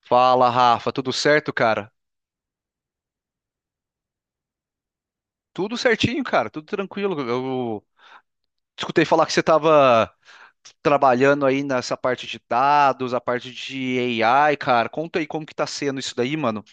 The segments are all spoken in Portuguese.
Fala, Rafa, tudo certo, cara? Tudo certinho, cara, tudo tranquilo. Eu escutei falar que você estava trabalhando aí nessa parte de dados, a parte de AI, cara. Conta aí como que tá sendo isso daí, mano.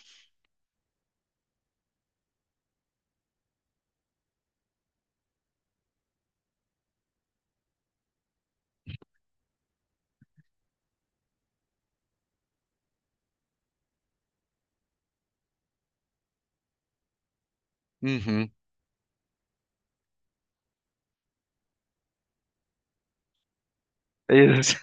Uhum. Isso.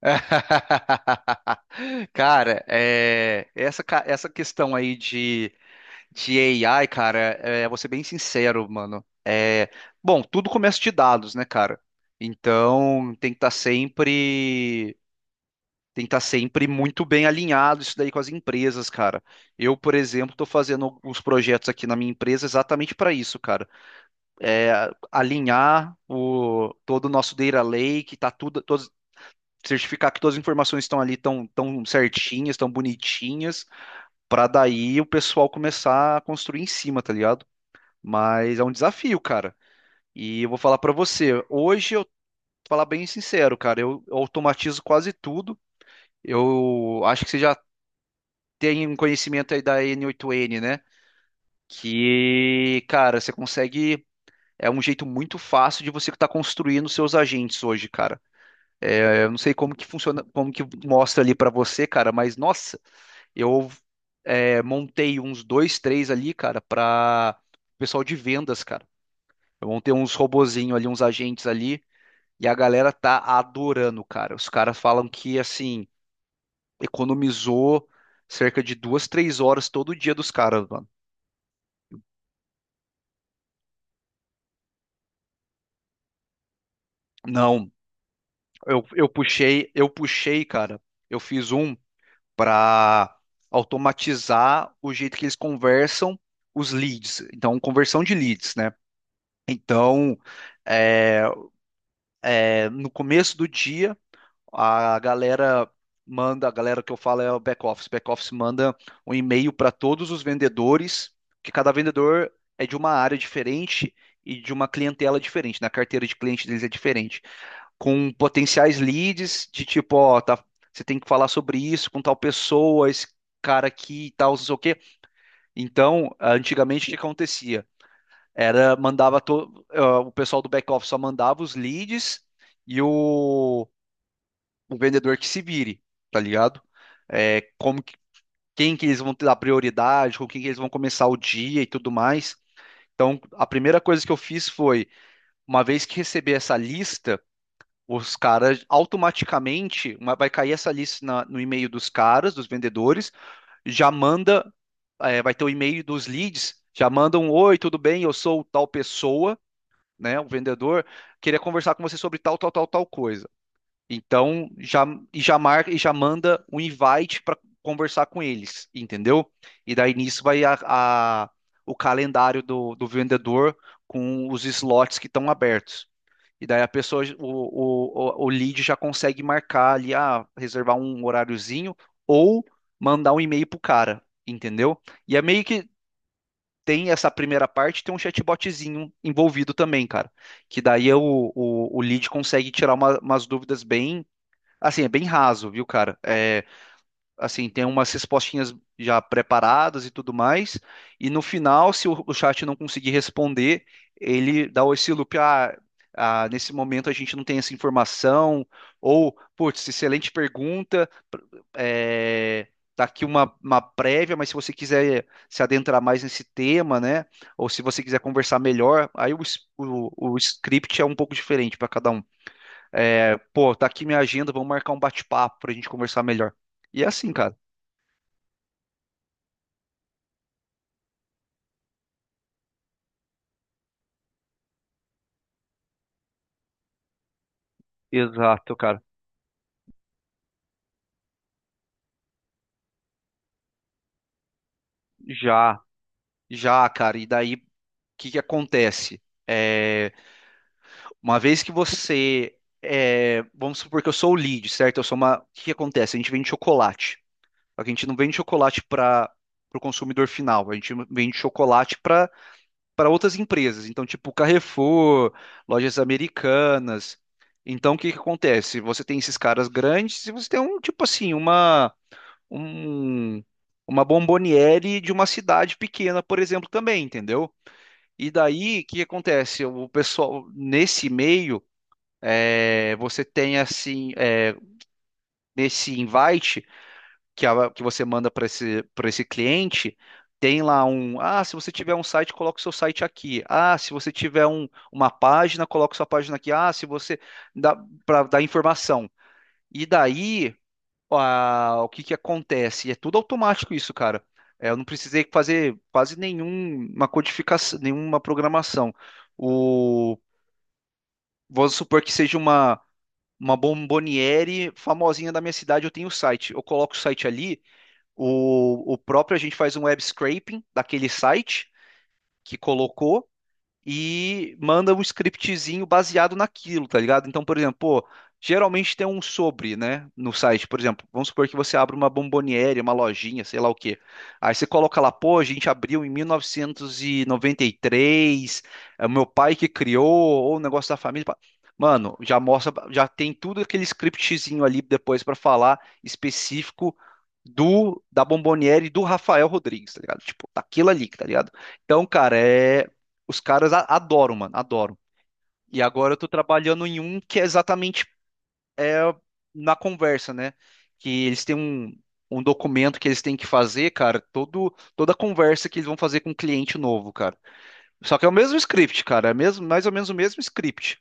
Cara, essa questão aí de AI, cara, vou ser bem sincero, mano. É, bom, tudo começa de dados, né, cara? Então tem que estar sempre. Tem que estar sempre muito bem alinhado isso daí com as empresas, cara. Eu, por exemplo, estou fazendo uns projetos aqui na minha empresa exatamente para isso, cara. É, alinhar todo o nosso data lake, certificar que todas as informações estão ali tão certinhas, tão bonitinhas, para daí o pessoal começar a construir em cima, tá ligado? Mas é um desafio, cara. E eu vou falar para você, hoje eu vou falar bem sincero, cara, eu automatizo quase tudo. Eu acho que você já tem um conhecimento aí da n oito n, né? Que, cara, você consegue. É um jeito muito fácil de você estar construindo seus agentes hoje, cara. É, eu não sei como que funciona, como que mostra ali pra você, cara, mas nossa, eu montei uns dois, três ali, cara, para pessoal de vendas, cara. Eu montei uns robozinho ali, uns agentes ali, e a galera tá adorando, cara. Os caras falam que, assim, economizou cerca de duas, três horas todo dia dos caras, mano. Não, eu puxei, cara. Eu fiz um para automatizar o jeito que eles conversam os leads. Então, conversão de leads, né? Então, é, é, no começo do dia, a galera manda, a galera que eu falo é o back office. Back office manda um e-mail para todos os vendedores, que cada vendedor é de uma área diferente e de uma clientela diferente, na carteira de cliente deles é diferente. Com potenciais leads de tipo, ó, tá, você tem que falar sobre isso com tal pessoa, esse cara aqui e tal, não sei o quê. Então, antigamente o que acontecia? Era, mandava to, ah, o pessoal do back-office só mandava os leads e o, o vendedor que se vire, tá ligado? É, como que, quem que eles vão dar prioridade, com quem que eles vão começar o dia e tudo mais. Então, a primeira coisa que eu fiz foi, uma vez que receber essa lista, os caras automaticamente vai cair essa lista no e-mail dos caras, dos vendedores, já manda, vai ter o e-mail dos leads, já mandam, oi, tudo bem, eu sou tal pessoa, né, o vendedor, queria conversar com você sobre tal, tal, tal, tal coisa. Então, já e já marca e já manda um invite para conversar com eles, entendeu? E daí nisso o calendário do vendedor com os slots que estão abertos. E daí a pessoa, o lead já consegue marcar ali, ah, reservar um horáriozinho ou mandar um e-mail pro cara, entendeu? E é meio que tem essa primeira parte, tem um chatbotzinho envolvido também, cara. Que daí é o lead consegue tirar umas dúvidas bem, assim, é bem raso, viu, cara? É, assim, tem umas respostinhas já preparadas e tudo mais. E no final, se o chat não conseguir responder, ele dá esse loop, nesse momento a gente não tem essa informação, ou, putz, excelente pergunta, é, tá aqui uma prévia, mas se você quiser se adentrar mais nesse tema, né, ou se você quiser conversar melhor, aí o script é um pouco diferente para cada um. É, pô, tá aqui minha agenda, vamos marcar um bate-papo pra gente conversar melhor. E é assim, cara. Exato, cara. Já. Já, cara, e daí o que que acontece? É, uma vez que você é, vamos supor que eu sou o lead, certo? Eu sou uma. O que que acontece? A gente vende chocolate. Só que a gente não vende chocolate para o consumidor final, a gente vende chocolate para outras empresas. Então, tipo Carrefour, Lojas Americanas. Então, o que que acontece? Você tem esses caras grandes e você tem um tipo assim, uma um, uma bomboniere de uma cidade pequena, por exemplo, também, entendeu? E daí, o que acontece? O pessoal, nesse meio, é, você tem assim, é, nesse invite que você manda para para esse cliente, tem lá um, ah, se você tiver um site, coloca o seu site aqui. Ah, se você tiver uma página, coloca sua página aqui. Ah, se você dá para dar informação. E daí o que que acontece? E é tudo automático isso, cara. É, eu não precisei fazer quase nenhuma codificação, nenhuma programação. O, vamos supor que seja uma bomboniere famosinha da minha cidade, eu tenho o site. Eu coloco o site ali, o próprio a gente faz um web scraping daquele site que colocou e manda um scriptzinho baseado naquilo, tá ligado? Então, por exemplo, pô, geralmente tem um sobre, né, no site. Por exemplo, vamos supor que você abre uma bomboniere, uma lojinha, sei lá o quê. Aí você coloca lá, pô, a gente abriu em 1993, é o meu pai que criou, ou o negócio da família. Pá. Mano, já mostra, já tem tudo aquele scriptzinho ali depois pra falar específico do da Bomboniere e do Rafael Rodrigues, tá ligado? Tipo, daquilo ali, tá ligado? Então, cara, é, os caras adoram, mano, adoram. E agora eu tô trabalhando em um que é exatamente é, na conversa, né? Que eles têm um documento que eles têm que fazer, cara, toda a conversa que eles vão fazer com um cliente novo, cara. Só que é o mesmo script, cara, é mesmo, mais ou menos o mesmo script.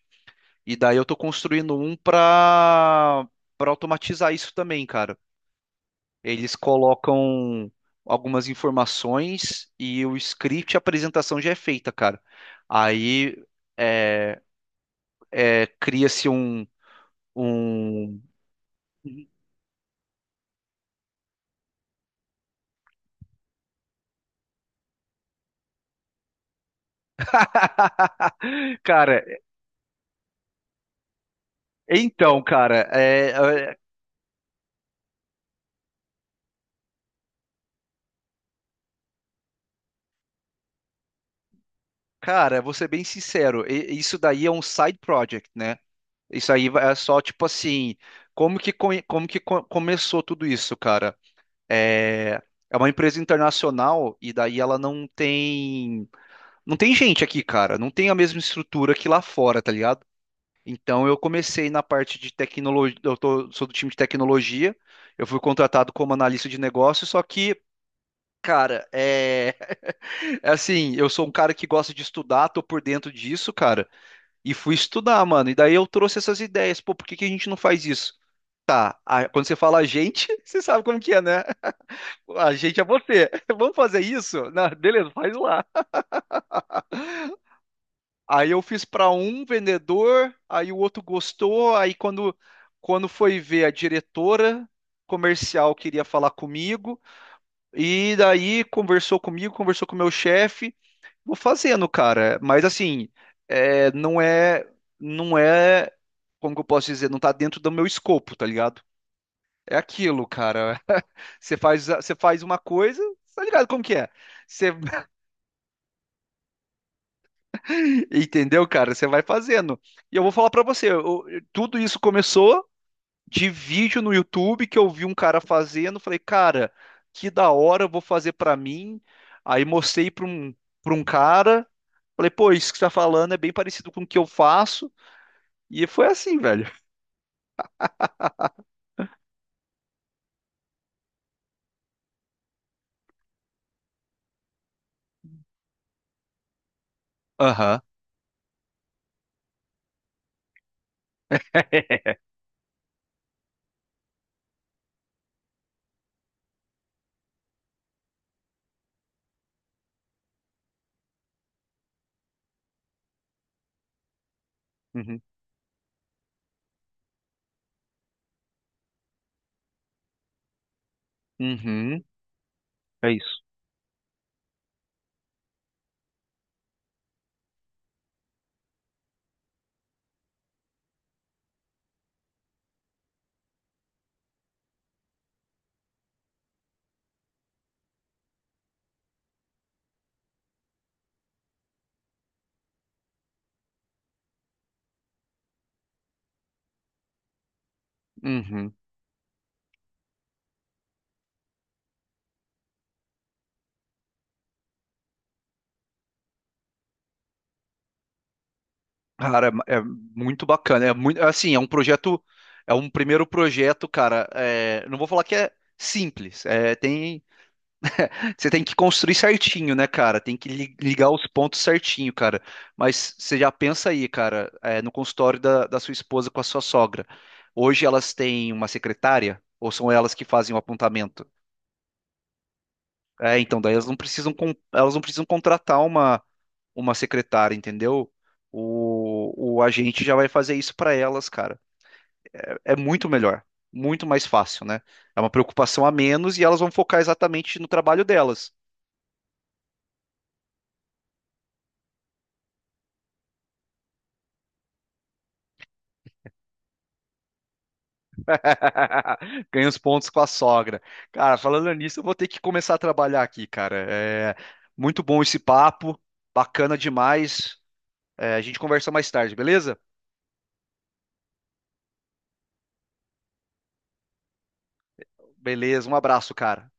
E daí eu tô construindo um pra automatizar isso também, cara. Eles colocam algumas informações e o script, a apresentação já é feita, cara. Aí. é, cria-se um- Cara, então, cara, é, é, cara, vou ser bem sincero, isso daí é um side project, né? Isso aí é só tipo assim, como que começou tudo isso, cara? É, é uma empresa internacional e daí ela não tem gente aqui, cara, não tem a mesma estrutura que lá fora, tá ligado? Então eu comecei na parte de tecnologia, sou do time de tecnologia, eu fui contratado como analista de negócio, só que, cara, é, é assim, eu sou um cara que gosta de estudar, tô por dentro disso, cara, e fui estudar, mano, e daí eu trouxe essas ideias, pô, por que que a gente não faz isso? Tá, quando você fala a gente, você sabe como que é, né? A gente é você. Vamos fazer isso? Não, beleza, faz lá. Aí eu fiz para um vendedor, aí o outro gostou, aí quando foi ver a diretora comercial queria falar comigo e daí conversou comigo, conversou com o meu chefe, vou fazendo, cara. Mas assim, é, não é como que eu posso dizer, não tá dentro do meu escopo, tá ligado? É aquilo, cara. Você faz uma coisa, tá ligado como que é? Você entendeu, cara? Você vai fazendo. E eu vou falar para você, tudo isso começou de vídeo no YouTube que eu vi um cara fazendo, falei, cara, que da hora, eu vou fazer pra mim. Aí mostrei pra um cara, falei, pô, isso que você tá falando é bem parecido com o que eu faço. E foi assim, velho. Aham. Uhum. Uhum. É isso. Uhum. Cara, é, é muito bacana. É muito, assim, é um projeto, é um primeiro projeto, cara. É, não vou falar que é simples. É, tem. Você tem que construir certinho, né, cara? Tem que ligar os pontos certinho, cara. Mas você já pensa aí, cara, é, no consultório da sua esposa com a sua sogra. Hoje elas têm uma secretária ou são elas que fazem o apontamento? É, então daí elas elas não precisam contratar uma secretária, entendeu? O agente já vai fazer isso para elas, cara. É muito melhor, muito mais fácil, né? É uma preocupação a menos e elas vão focar exatamente no trabalho delas. Ganha os pontos com a sogra. Cara, falando nisso, eu vou ter que começar a trabalhar aqui, cara. É muito bom esse papo, bacana demais. É, a gente conversa mais tarde, beleza? Beleza, um abraço, cara.